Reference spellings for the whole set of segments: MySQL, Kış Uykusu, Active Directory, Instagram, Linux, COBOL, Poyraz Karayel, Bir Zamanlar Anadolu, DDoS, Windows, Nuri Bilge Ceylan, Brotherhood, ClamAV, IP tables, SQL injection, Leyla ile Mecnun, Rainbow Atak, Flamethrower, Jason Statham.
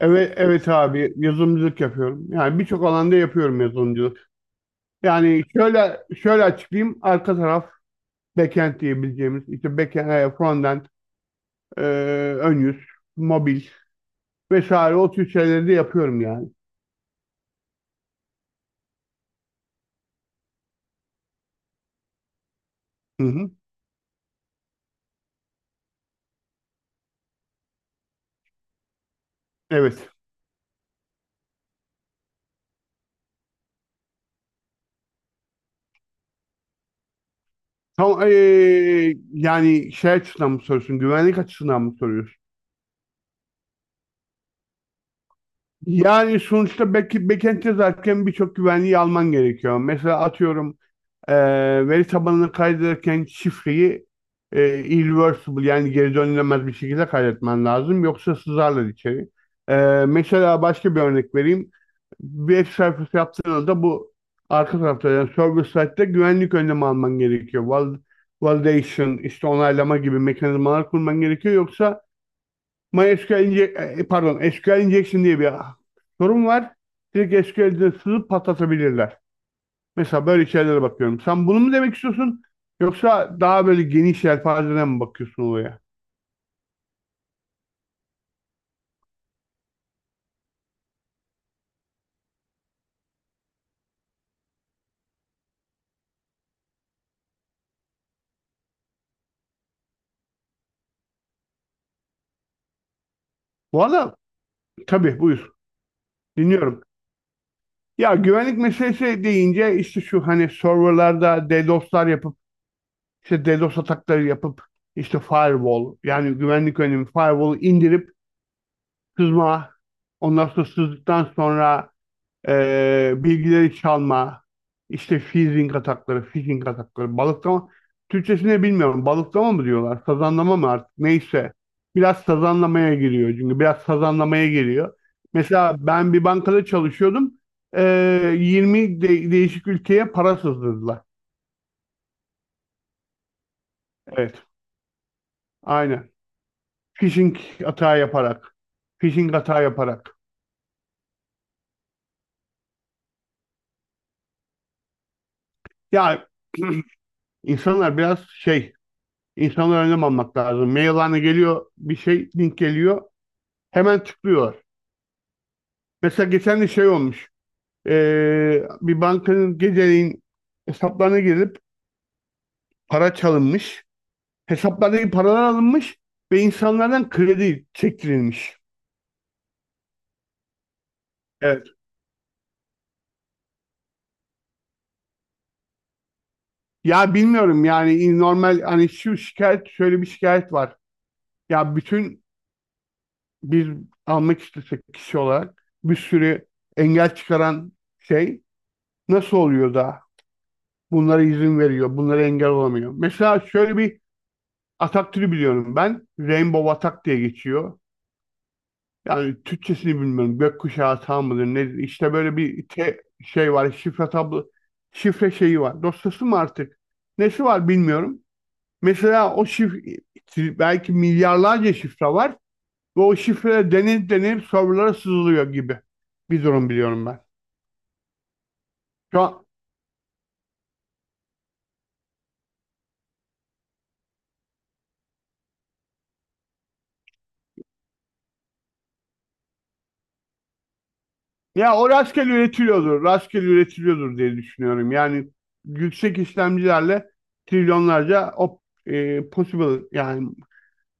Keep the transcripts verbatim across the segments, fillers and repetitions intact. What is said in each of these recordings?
Evet, evet abi yazılımcılık yapıyorum. Yani birçok alanda yapıyorum yazılımcılık. Yani şöyle şöyle açıklayayım. Arka taraf backend diyebileceğimiz işte backend, e, frontend, e, ön yüz, mobil vesaire o tür şeyleri de yapıyorum yani. Hı hı. Evet. Tam, e, yani şey açısından mı soruyorsun? Güvenlik açısından mı soruyorsun? Yani sonuçta back, backend yazarken birçok güvenliği alman gerekiyor. Mesela atıyorum e, veri tabanını kaydederken şifreyi e, irreversible, yani geri dönülemez bir şekilde kaydetmen lazım. Yoksa sızarlar içeri. E, Mesela başka bir örnek vereyim. Bir web sayfası yaptığında bu arka tarafta, yani server side'de güvenlik önlemi alman gerekiyor. Val validation, işte onaylama gibi mekanizmalar kurman gerekiyor. Yoksa MySQL inje- e, pardon, S Q L injection diye bir sorun var. Direkt S Q L'de sızıp patlatabilirler. Mesela böyle şeylere bakıyorum. Sen bunu mu demek istiyorsun? Yelpazeyle, Yoksa daha böyle geniş yelpazeden mi bakıyorsun olaya? Bu arada tabii, buyur. Dinliyorum. Ya, güvenlik meselesi deyince işte şu hani serverlarda DDoS'lar yapıp, işte DDoS atakları yapıp, işte firewall, yani güvenlik önlemi firewall'u indirip sızma ondan sonra, sızdıktan sonra Ee, bilgileri çalma, işte phishing atakları, phishing atakları, balıklama. Türkçesini bilmiyorum. Balıklama mı diyorlar? Sazanlama mı artık? Neyse. Biraz sazanlamaya giriyor çünkü. Biraz sazanlamaya giriyor. Mesela ben bir bankada çalışıyordum. Ee, yirmi de- değişik ülkeye para sızdırdılar. Evet. Aynen. Phishing hata yaparak. Phishing hata yaparak. Ya, insanlar biraz şey, insanlar önlem almak lazım. Maillerine geliyor bir şey, link geliyor. Hemen tıklıyorlar. Mesela geçen de şey olmuş. Ee, bir bankanın geceleyin hesaplarına girilip para çalınmış. Hesaplardaki paralar alınmış ve insanlardan kredi çektirilmiş. Evet. Ya, bilmiyorum yani, normal, hani şu şikayet, şöyle bir şikayet var. Ya, bütün biz almak istesek kişi olarak bir sürü engel çıkaran şey, nasıl oluyor da bunlara izin veriyor, bunlara engel olamıyor. Mesela şöyle bir atak türü biliyorum ben. Rainbow atak diye geçiyor. Yani Türkçesini bilmiyorum. Gökkuşağı atağı mıdır nedir? İşte böyle bir te- şey var. Şifre tablo, şifre şeyi var. Dosyası mı artık? Nesi var bilmiyorum. Mesela o şifre, belki milyarlarca şifre var. Ve o şifreler denir denir, serverlara sızılıyor gibi bir durum biliyorum ben. Şu an Ya, o rastgele üretiliyordur. Rastgele üretiliyordur diye düşünüyorum. Yani yüksek işlemcilerle trilyonlarca op, e, possible, yani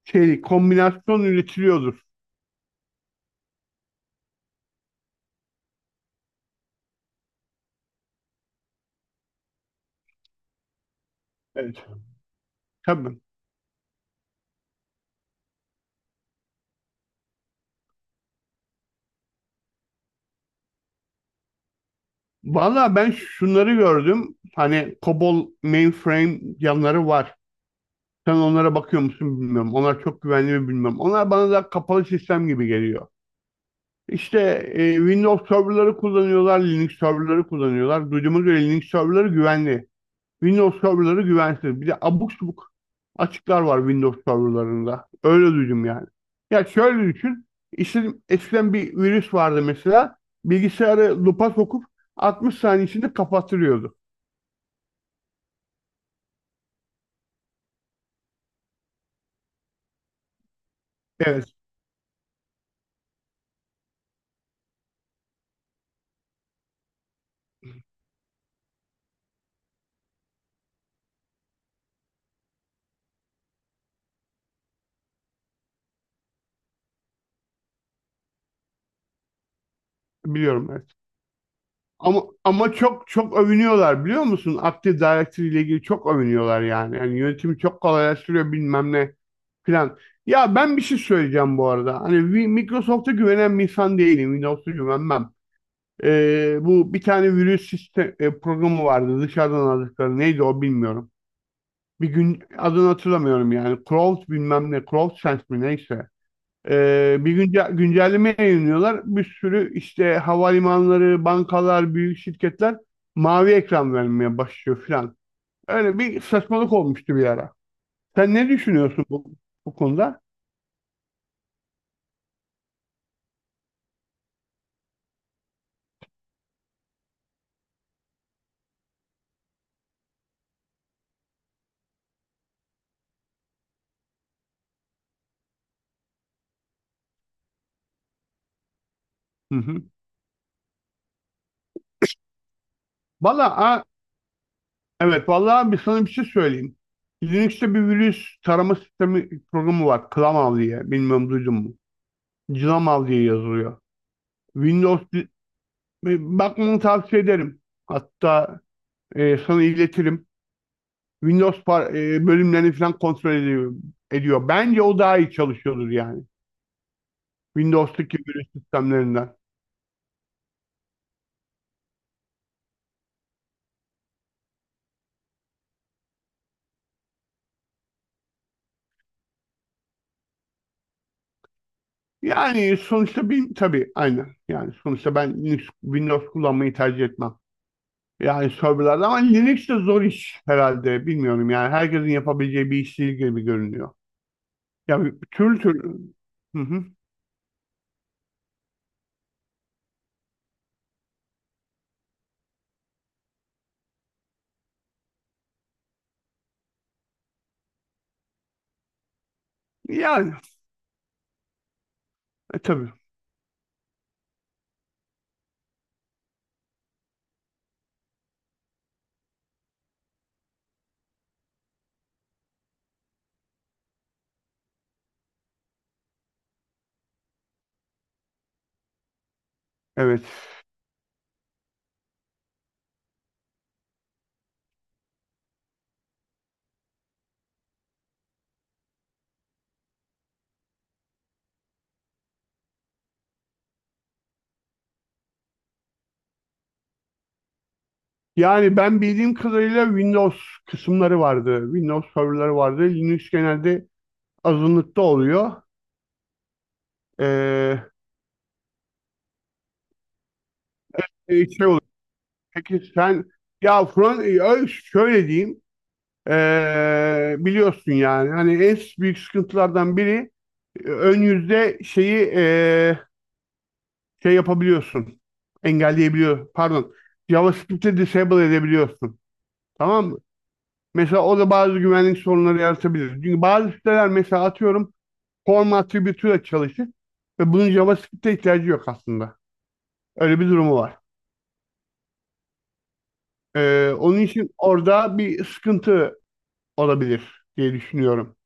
şey kombinasyon üretiliyordur. Evet. Tabii. Valla ben şunları gördüm. Hani COBOL mainframe yanları var. Sen onlara bakıyor musun bilmiyorum. Onlar çok güvenli mi bilmiyorum. Onlar bana da kapalı sistem gibi geliyor. İşte e, Windows serverları kullanıyorlar, Linux serverları kullanıyorlar. Duyduğuma göre Linux serverları güvenli. Windows serverları güvensiz. Bir de abuk subuk açıklar var Windows serverlarında. Öyle duydum yani. Ya şöyle düşün. İşte eskiden bir virüs vardı mesela. Bilgisayarı lupa sokup altmış saniye içinde kapattırıyordu. Evet, biliyorum, evet. Ama ama çok çok övünüyorlar biliyor musun? Active Directory ile ilgili çok övünüyorlar yani. Yani yönetimi çok kolaylaştırıyor, bilmem ne filan. Ya, ben bir şey söyleyeceğim bu arada. Hani Wi- Microsoft'a güvenen bir insan değilim. Windows'a güvenmem. Ee, bu bir tane virüs sistem, e, programı vardı dışarıdan aldıkları, neydi o bilmiyorum. Bir gün adını hatırlamıyorum yani, Crolt bilmem ne, Crolt Sense mi, neyse. Ee, bir günce, güncelleme yayınlıyorlar. Bir sürü işte havalimanları, bankalar, büyük şirketler mavi ekran vermeye başlıyor filan. Öyle bir saçmalık olmuştu bir ara. Sen ne düşünüyorsun bu, bu konuda? Hı hı. Valla, evet, vallahi bir sana bir şey söyleyeyim. Linux'te bir virüs tarama sistemi programı var. ClamAV diye. Bilmiyorum, duydun mu? ClamAV diye yazılıyor. Windows bakmanı tavsiye ederim. Hatta, e, sana iletirim. Windows par- e, bölümlerini falan kontrol ediyor, ediyor. Bence o daha iyi çalışıyordur yani. Windows'taki virüs sistemlerinden. Yani sonuçta, bir tabii, aynen. Yani sonuçta ben Linux, Windows kullanmayı tercih etmem. Yani serverlarda, ama Linux de zor iş herhalde. Bilmiyorum yani, herkesin yapabileceği bir iş değil gibi görünüyor. Ya, türlü türlü. Hı hı. Yani, e, tabii. Evet. Yani ben bildiğim kadarıyla Windows kısımları vardı. Windows serverları vardı. Linux genelde azınlıkta oluyor. Ee, e, şey oluyor. Peki sen, ya, Fron, e, şöyle diyeyim. Ee, biliyorsun yani, hani en büyük sıkıntılardan biri e, ön yüzde şeyi e, şey yapabiliyorsun. Engelleyebiliyor. Pardon. JavaScript'te disable edebiliyorsun. Tamam mı? Mesela o da bazı güvenlik sorunları yaratabilir. Çünkü bazı siteler mesela atıyorum form attribute'uyla çalışır ve bunun JavaScript'e ihtiyacı yok aslında. Öyle bir durumu var. Ee, onun için orada bir sıkıntı olabilir diye düşünüyorum.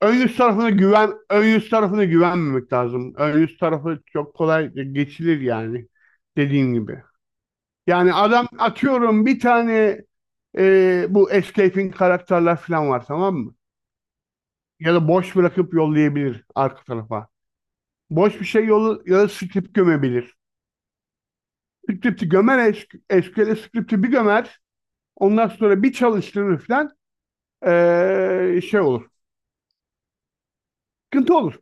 Ön yüz tarafına güven, ön yüz tarafına güvenmemek lazım. Ön yüz tarafı çok kolay geçilir yani, dediğim gibi. Yani adam atıyorum bir tane e, bu escaping karakterler falan var, tamam mı? Ya da boş bırakıp yollayabilir arka tarafa. Boş bir şey yolu ya da script gömebilir. Script'i gömer, es- S Q L'e script'i bir gömer. Ondan sonra bir çalıştırır falan, e, şey olur. Sıkıntı olur.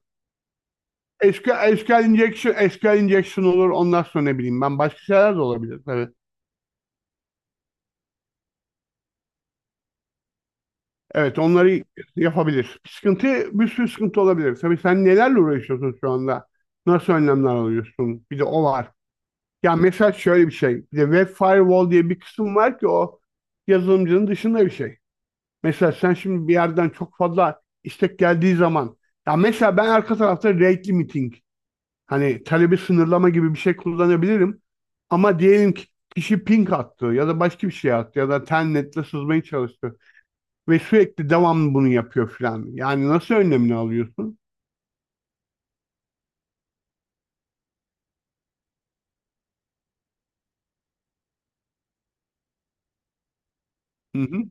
SQL, S Q L injection, S Q L injection olur. Ondan sonra ne bileyim ben, başka şeyler de olabilir tabii. Evet, onları yapabilir. Sıkıntı bir sürü sıkıntı olabilir. Tabii sen nelerle uğraşıyorsun şu anda? Nasıl önlemler alıyorsun? Bir de o var. Ya mesela şöyle bir şey. Bir de web firewall diye bir kısım var ki o yazılımcının dışında bir şey. Mesela sen şimdi bir yerden çok fazla istek geldiği zaman, ya mesela ben arka tarafta rate limiting, hani talebi sınırlama gibi bir şey kullanabilirim. Ama diyelim ki kişi ping attı ya da başka bir şey attı ya da telnetle sızmaya çalıştı ve sürekli devamlı bunu yapıyor filan. Yani nasıl önlemini alıyorsun? Hı hı.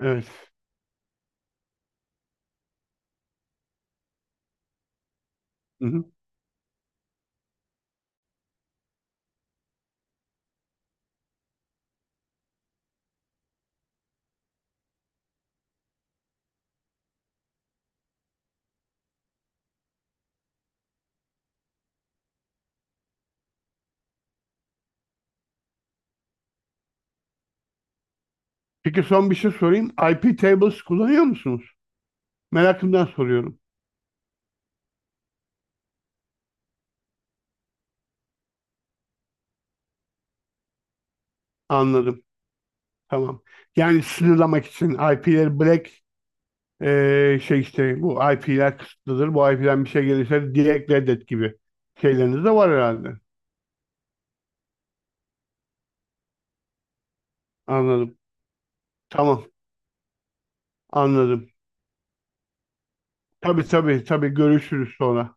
Evet. Hı hı. Peki son bir şey sorayım. I P tables kullanıyor musunuz? Merakımdan soruyorum. Anladım. Tamam. Yani sınırlamak için I P'leri black, eee, şey, işte bu I P'ler kısıtlıdır. Bu I P'den bir şey gelirse direkt reddet gibi şeyleriniz de var herhalde. Anladım. Tamam. Anladım. Tabii, tabii, tabii, görüşürüz sonra.